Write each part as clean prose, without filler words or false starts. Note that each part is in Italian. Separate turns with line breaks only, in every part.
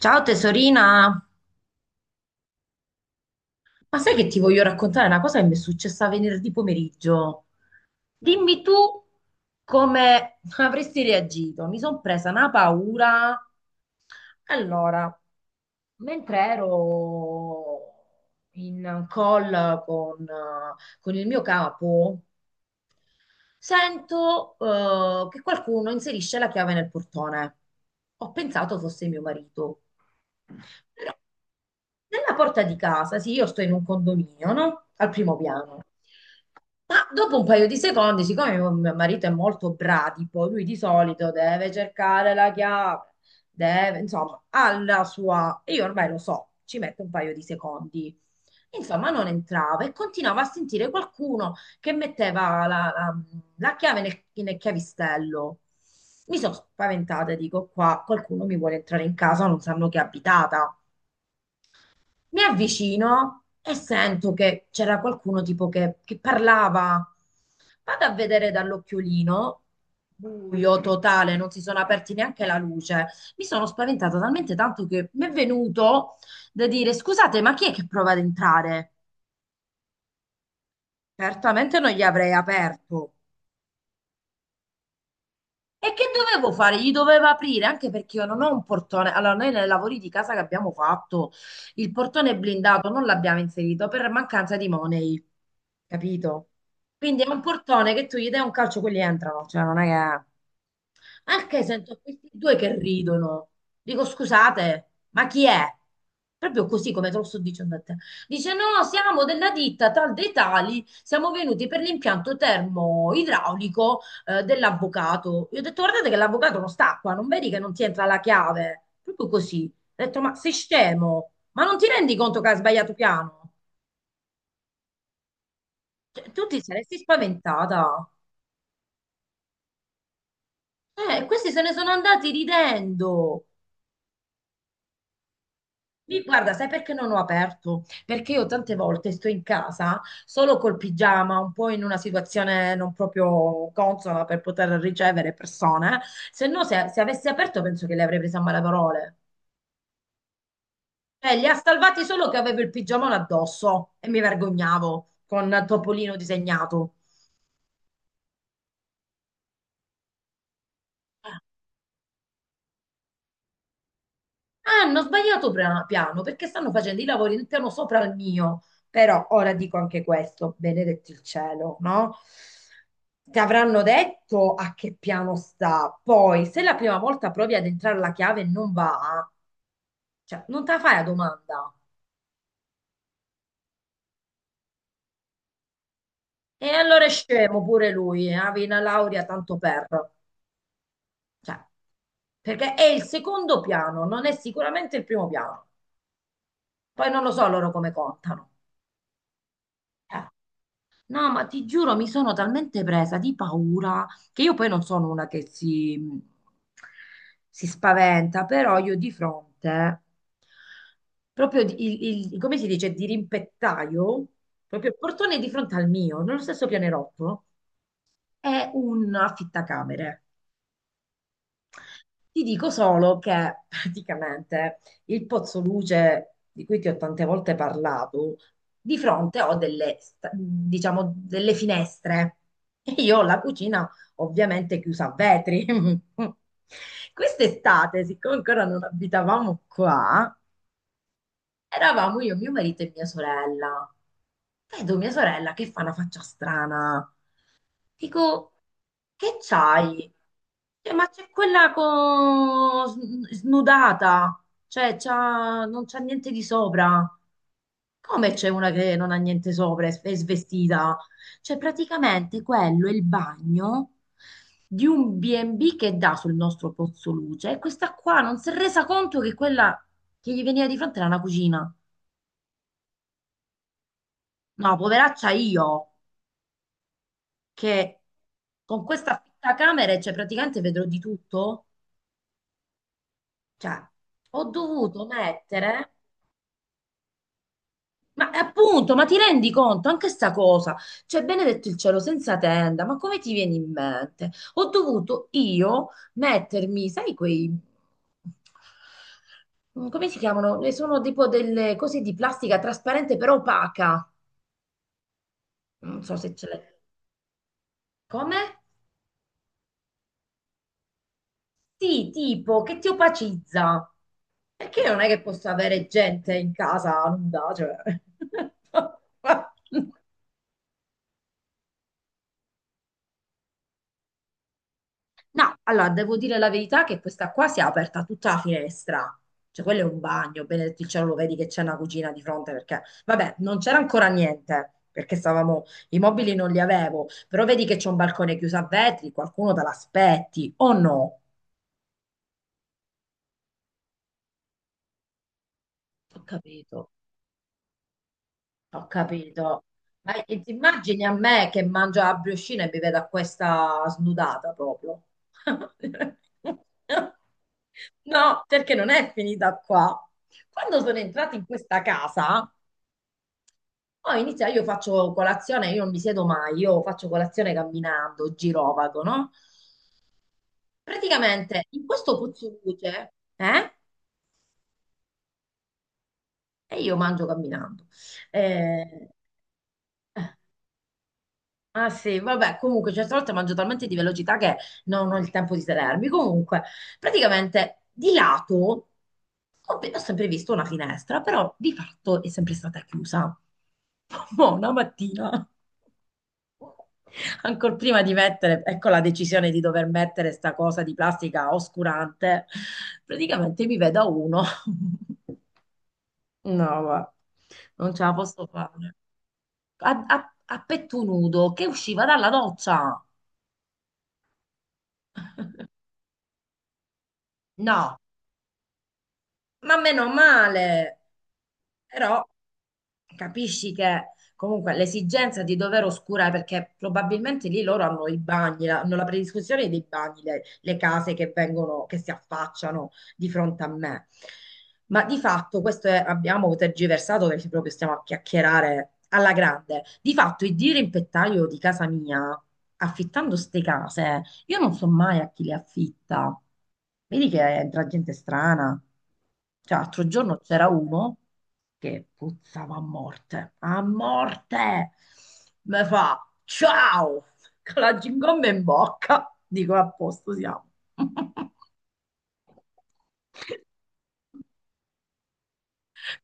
Ciao tesorina, ma sai che ti voglio raccontare una cosa che mi è successa venerdì pomeriggio? Dimmi tu come avresti reagito. Mi sono presa una paura. Allora, mentre ero in call con il mio capo, sento che qualcuno inserisce la chiave nel portone. Ho pensato fosse mio marito. Nella porta di casa, sì, io sto in un condominio, no? Al primo piano. Ma dopo un paio di secondi, siccome mio marito è molto bradipo, lui di solito deve cercare la chiave, deve, insomma, ha la sua. E io ormai lo so, ci mette un paio di secondi. Insomma, non entrava e continuava a sentire qualcuno che metteva la chiave nel chiavistello. Mi sono spaventata, dico qua, qualcuno mi vuole entrare in casa, non sanno che è abitata. Mi avvicino e sento che c'era qualcuno tipo che parlava. Vado a vedere dall'occhiolino, buio totale, non si sono aperti neanche la luce. Mi sono spaventata talmente tanto che mi è venuto da dire: scusate, ma chi è che prova ad entrare? Certamente non gli avrei aperto. E che dovevo fare? Gli dovevo aprire, anche perché io non ho un portone. Allora, noi nei lavori di casa che abbiamo fatto, il portone blindato non l'abbiamo inserito per mancanza di money, capito? Quindi è un portone che tu gli dai un calcio, quelli entrano, cioè non è che. Anche sento questi due che ridono. Dico, scusate, ma chi è? Proprio così come te lo sto dicendo a te. Dice, no, siamo della ditta tal dei tali, siamo venuti per l'impianto termoidraulico dell'avvocato. Io ho detto, guardate che l'avvocato non sta qua, non vedi che non ti entra la chiave? Proprio così. Ho detto, ma sei scemo? Ma non ti rendi conto che hai sbagliato piano? Cioè, tu ti saresti spaventata. Questi se ne sono andati ridendo. Guarda, sai perché non ho aperto? Perché io tante volte sto in casa solo col pigiama, un po' in una situazione non proprio consona per poter ricevere persone. Se no, se avessi aperto, penso che le avrei prese a malaparte. Cioè, li ha salvati solo che avevo il pigiamone addosso e mi vergognavo con Topolino disegnato. Ah, hanno sbagliato piano perché stanno facendo i lavori del piano sopra il mio. Però ora dico anche questo, benedetti il cielo, no? Ti avranno detto a che piano sta. Poi, se la prima volta provi ad entrare la chiave e non va, cioè, non te la fai la domanda. E allora è scemo pure lui, avevi una laurea tanto per. Cioè, perché è il secondo piano, non è sicuramente il primo piano. Poi non lo so loro come contano. Eh. No, ma ti giuro, mi sono talmente presa di paura che io poi non sono una che si spaventa, però io di fronte, proprio come si dice, di rimpettaio, proprio il portone di fronte al mio, nello stesso pianerottolo, è un affittacamere. Ti dico solo che praticamente il Pozzo Luce, di cui ti ho tante volte parlato, di fronte ho diciamo, delle finestre e io ho la cucina ovviamente chiusa a vetri. Quest'estate, siccome ancora non abitavamo qua, eravamo io, mio marito e mia sorella. Vedo mia sorella che fa una faccia strana. Dico, che c'hai? Cioè, ma c'è quella snudata, cioè non c'ha niente di sopra. Come c'è una che non ha niente sopra, è svestita? Cioè, praticamente quello è il bagno di un B&B che dà sul nostro pozzo luce e questa qua non si è resa conto che quella che gli veniva di fronte era una cucina. No, poveraccia io, che con questa fitta camera, cioè praticamente vedrò di tutto. Cioè, ho dovuto mettere, ma appunto, ma ti rendi conto anche sta cosa? Cioè, benedetto il cielo senza tenda, ma come ti viene in mente? Ho dovuto io mettermi, sai, quei, come si chiamano? Sono tipo delle cose di plastica trasparente però opaca. Non so se ce l'hai. Come? Sì, tipo che ti opacizza. Perché non è che posso avere gente in casa nuda, cioè. No, allora devo dire la verità che questa qua si è aperta tutta la finestra. Cioè, quello è un bagno, benedetto il cielo, lo vedi che c'è una cucina di fronte perché, vabbè, non c'era ancora niente perché stavamo, i mobili non li avevo, però vedi che c'è un balcone chiuso a vetri, qualcuno te l'aspetti o no? Ho capito. Ho capito. Ma ti immagini a me che mangio la briochina e mi vedo a questa snudata proprio? No, perché non è finita qua. Quando sono entrata in questa casa, poi inizia, io faccio colazione, io non mi siedo mai, io faccio colazione camminando, girovago, no? Praticamente in questo puzzoluce, eh? E io mangio camminando. Eh, Ah sì, vabbè, comunque certe volte mangio talmente di velocità che non ho il tempo di sedermi. Comunque, praticamente di lato ho sempre visto una finestra, però di fatto è sempre stata chiusa. Mo, una mattina, ancora prima di mettere, ecco la decisione di dover mettere sta cosa di plastica oscurante, praticamente mi vedo uno. No, va, non ce la posso fare. A, a a petto nudo che usciva dalla doccia. No, ma meno male. Però capisci che comunque l'esigenza di dover oscurare, perché probabilmente lì loro hanno i bagni, hanno la predisposizione dei bagni, le case che vengono, che si affacciano di fronte a me. Ma di fatto abbiamo tergiversato perché proprio stiamo a chiacchierare alla grande. Di fatto il dirimpettaio di casa mia, affittando ste case, io non so mai a chi le affitta. Vedi che entra gente strana. Cioè, l'altro giorno c'era uno che puzzava a morte, a morte. Me fa ciao con la gingomba in bocca. Dico a posto siamo.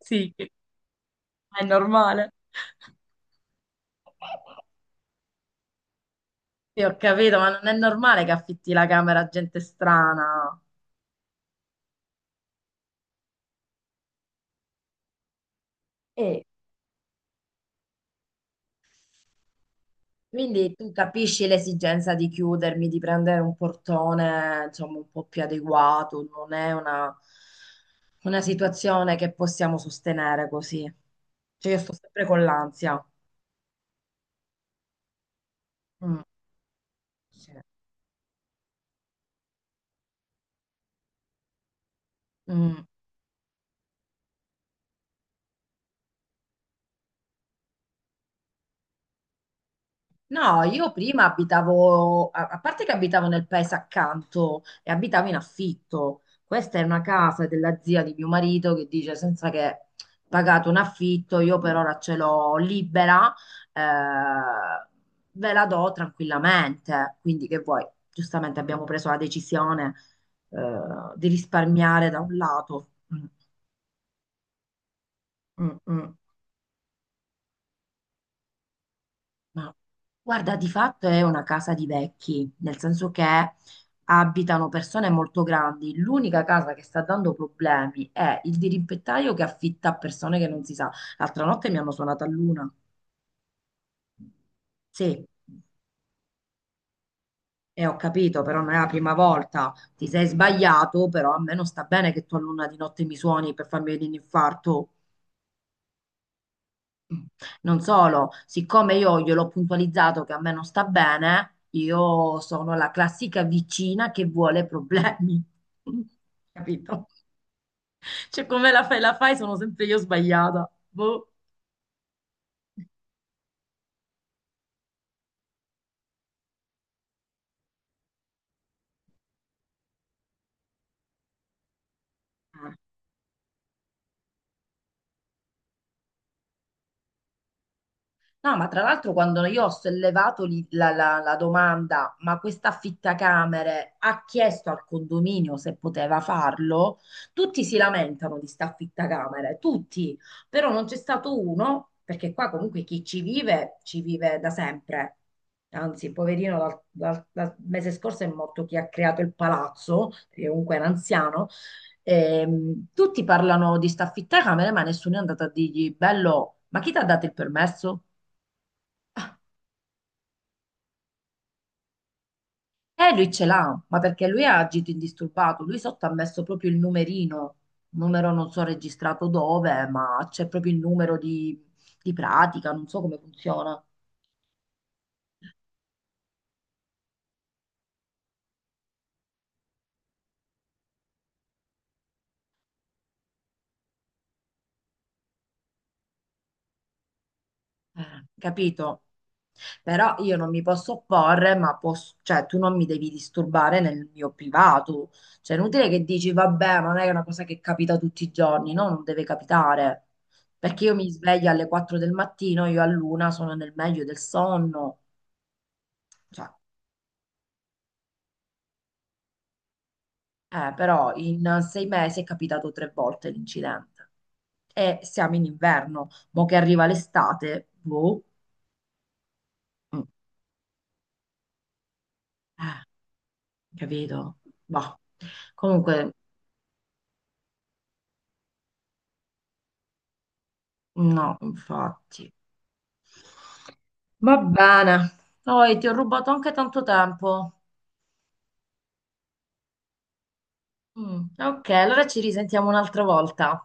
Sì, è normale. Sì, ho capito, ma non è normale che affitti la camera a gente strana. E quindi tu capisci l'esigenza di chiudermi, di prendere un portone, insomma, un po' più adeguato, non è una situazione che possiamo sostenere così. Cioè, io sto sempre con l'ansia. Mm, sì. Mm. No, io prima abitavo, a parte che abitavo nel paese accanto e abitavo in affitto. Questa è una casa della zia di mio marito che dice senza che pagato un affitto, io per ora ce l'ho libera, eh, ve la do tranquillamente. Quindi che vuoi? Giustamente abbiamo preso la decisione, eh, di risparmiare da un lato. Mm, mm, mm. Ma guarda, di fatto è una casa di vecchi, nel senso che abitano persone molto grandi. L'unica casa che sta dando problemi è il dirimpettaio che affitta a persone che non si sa. L'altra notte mi hanno suonato a luna. Sì, e ho capito, però non è la prima volta. Ti sei sbagliato, però a me non sta bene che tu a luna di notte mi suoni per farmi venire un infarto. Non solo, siccome io gliel'ho puntualizzato che a me non sta bene, io sono la classica vicina che vuole problemi. Capito? Cioè, come la fai, sono sempre io sbagliata. Boh. No, ma tra l'altro quando io ho sollevato lì la domanda, ma questa affittacamere ha chiesto al condominio se poteva farlo, tutti si lamentano di sta affittacamere, tutti, però non c'è stato uno, perché qua comunque chi ci vive da sempre. Anzi, poverino, dal mese scorso è morto chi ha creato il palazzo, che comunque era anziano. Tutti parlano di sta affittacamere, ma nessuno è andato a dirgli, bello, ma chi ti ha dato il permesso? Lui ce l'ha, ma perché lui ha agito indisturbato, lui sotto ha messo proprio il numerino, numero non so registrato dove, ma c'è proprio il numero di, pratica, non so come funziona. Capito? Però io non mi posso opporre, ma posso, cioè tu non mi devi disturbare nel mio privato, cioè è inutile che dici vabbè, ma non è una cosa che capita tutti i giorni, no, non deve capitare, perché io mi sveglio alle 4 del mattino, io all'una sono nel meglio del sonno, cioè. Però in 6 mesi è capitato tre volte l'incidente. E siamo in inverno, mo che arriva l'estate, boh, mm, eh, capito? Boh. Comunque, no, infatti. Va bene. Poi ti ho rubato anche tanto tempo. Mm, ok, allora ci risentiamo un'altra volta.